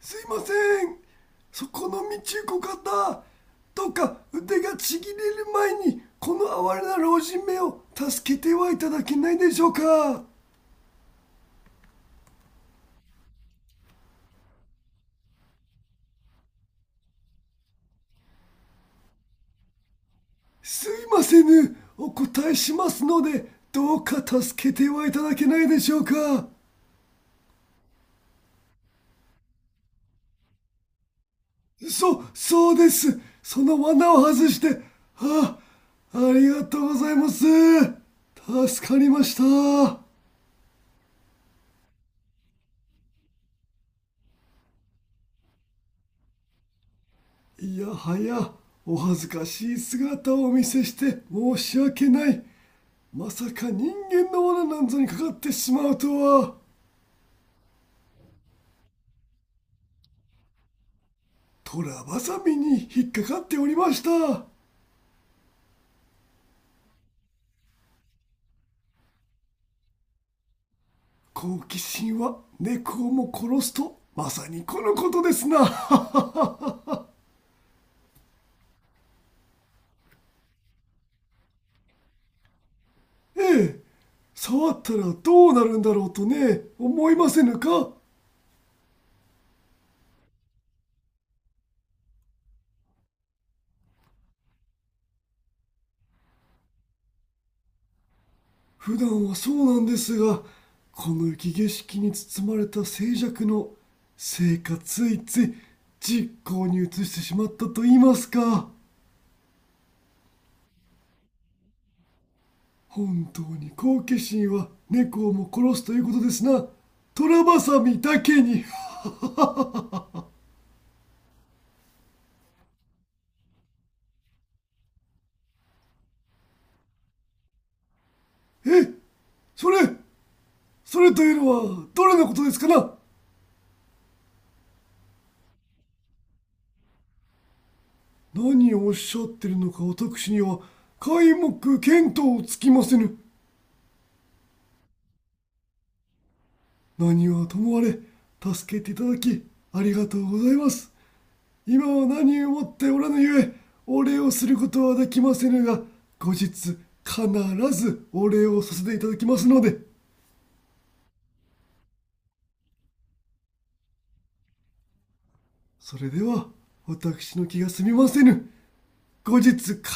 すいません、そこの道ご方、どうか腕がちぎれる前にこの哀れな老人めを助けてはいただけないでしょうか。すいませぬ、お答えしますので、どうか助けてはいただけないでしょうか。そうです、その罠を外して。ありがとうございます。助かりました。いやはや、お恥ずかしい姿をお見せして申し訳ない。まさか人間の罠なんぞにかかってしまうとは。虎バサミに引っかかっておりました。好奇心は猫をも殺すと、まさにこのことですな。 ええ、触ったらどうなるんだろうとね、思いませぬか？普段はそうなんですが、この雪景色に包まれた静寂のせいか、ついつい実行に移してしまったと言いますか。本当に好奇心は猫をも殺すということですな。虎バサミだけに。え、それ、それというのはどれのことですかな？何をおっしゃってるのか私には皆目見当つきませぬ。何はともあれ、助けていただきありがとうございます。今は何をもっておらぬゆえ、お礼をすることはできませぬが、後日必ずお礼をさせていただきますので。それでは私の気が済みませぬ。後日必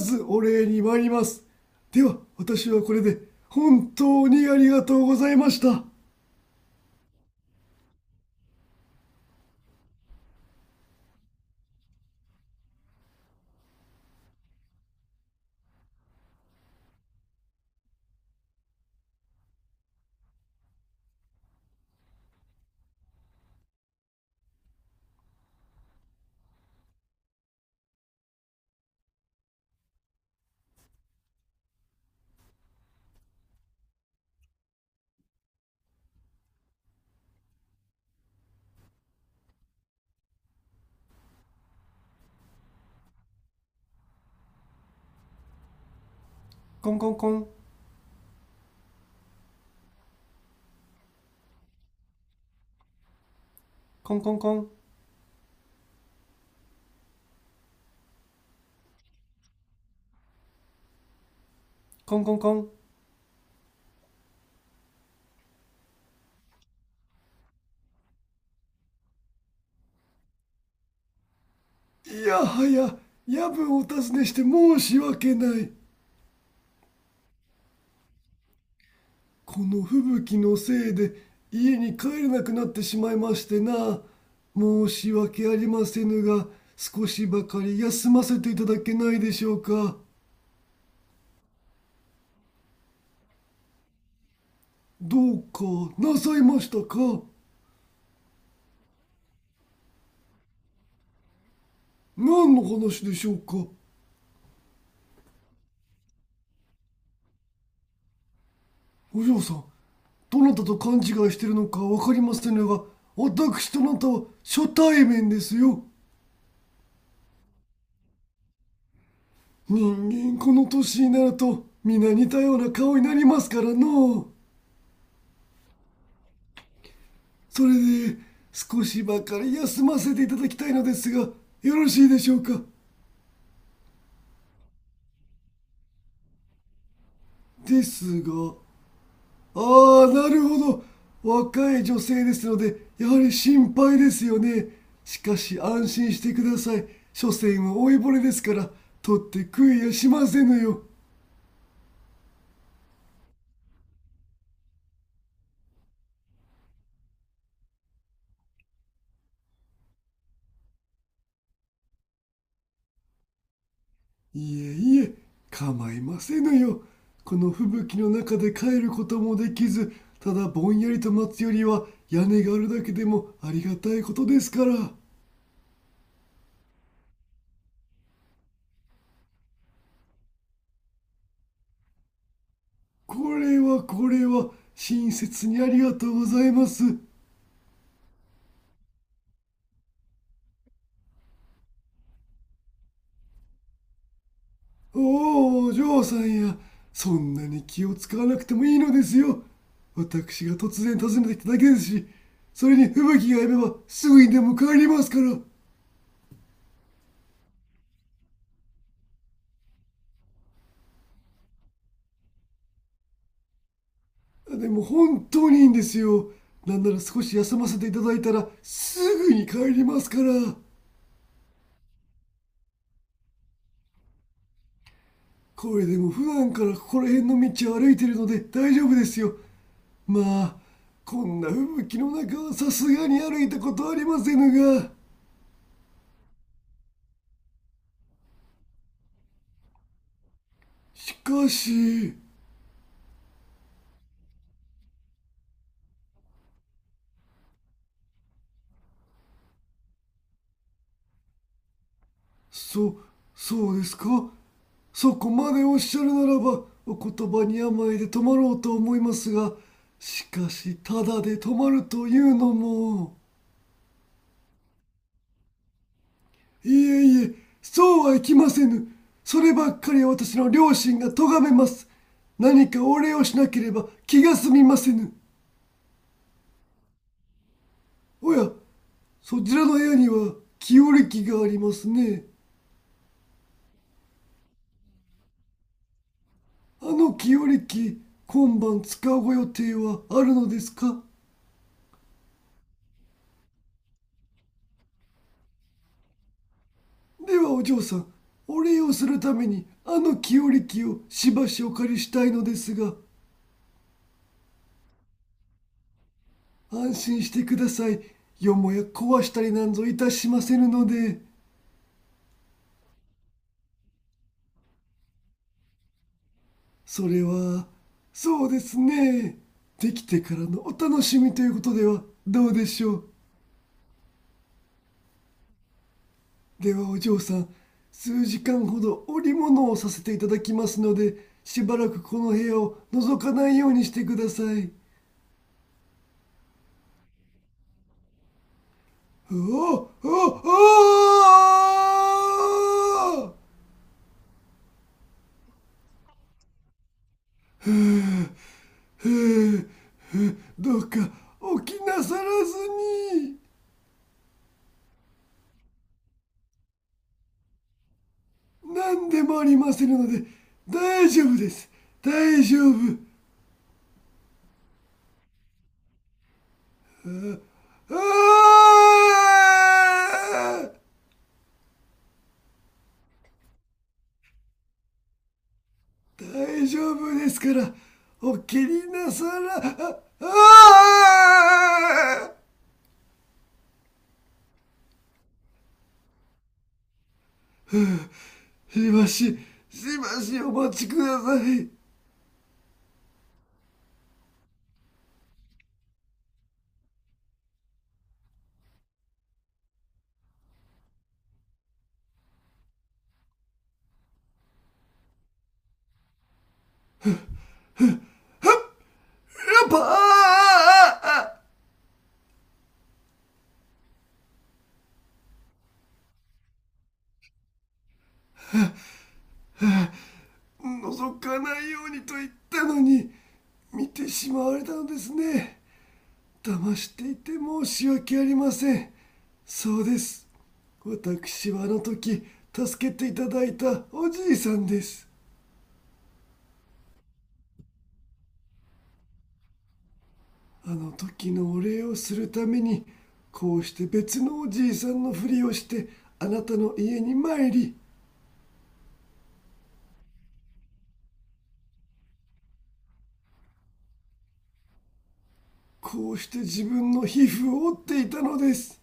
ずお礼に参ります。では私はこれで。本当にありがとうございました。コンコンコン、コンコンコン、コンコンコン。いやはや、夜分お尋ねして申し訳ない。この吹雪のせいで家に帰れなくなってしまいましてな。申し訳ありませぬが、少しばかり休ませていただけないでしょうか。どうかなさいましたか？何の話でしょうか？お嬢さん、どなたと勘違いしてるのか分かりませんが、私とあなたは初対面ですよ。人間この年になると皆似たような顔になりますからのう。それで、少しばかり休ませていただきたいのですが、よろしいでしょうか？ですが、ああ、なるほど、若い女性ですのでやはり心配ですよね。しかし安心してください。所詮は老いぼれですから、取って食いやしませぬよ。いえいえ、構いませぬよ。この吹雪の中で帰ることもできず、ただぼんやりと待つよりは屋根があるだけでもありがたいことですから。これはこれは、親切にありがとうございます。おお、お嬢さんや、そんなに気を使わなくてもいいのですよ。私が突然訪ねてきただけですし、それに吹雪がやめばすぐにでも帰りますから。でも本当にいいんですよ。なんなら少し休ませていただいたらすぐに帰りますから。これでも普段からここら辺の道を歩いているので大丈夫ですよ。まあ、こんな吹雪の中はさすがに歩いたことありませぬが。しかし、そそうですか。そこまでおっしゃるならばお言葉に甘えて泊まろうと思いますが、しかしただで泊まるというのも。いえいえ、そうはいきませぬ。そればっかりは私の両親が咎めます。何かお礼をしなければ気が済みませぬ。おや、そちらの部屋には清暦がありますね。あの清暦、今晩使うご予定はあるのですか？ではお嬢さん、お礼をするためにあの清暦をしばしお借りしたいのですが。安心してください。よもや壊したりなんぞいたしませぬので。それは、そうですね。できてからのお楽しみということではどうでしょう。ではお嬢さん、数時間ほど織物をさせていただきますので、しばらくこの部屋を覗かないようにしてください。おお、おお、へえへ、どうか起きなさらずに。何でもありませんので、大丈夫です。大丈夫。ああー、大丈夫ですから、お気になさら、ああ、しばし、しばしお待ちください。パあ、覗かないようにと言ったのに見てしまわれたのですね。騙していて申し訳ありません。そうです、私はあの時助けていただいたおじいさんです。あの時のお礼をするために、こうして別のおじいさんのふりをしてあなたの家に参り、こうして自分の皮膚を折っていたのです。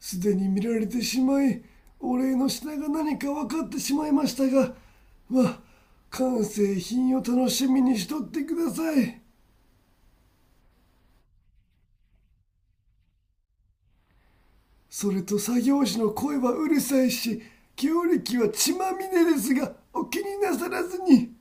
すでに見られてしまい、お礼の品が何か分かってしまいましたが、まあ完成品を楽しみにしとってください。それと作業士の声はうるさいし、強力は血まみれですが、お気になさらずに。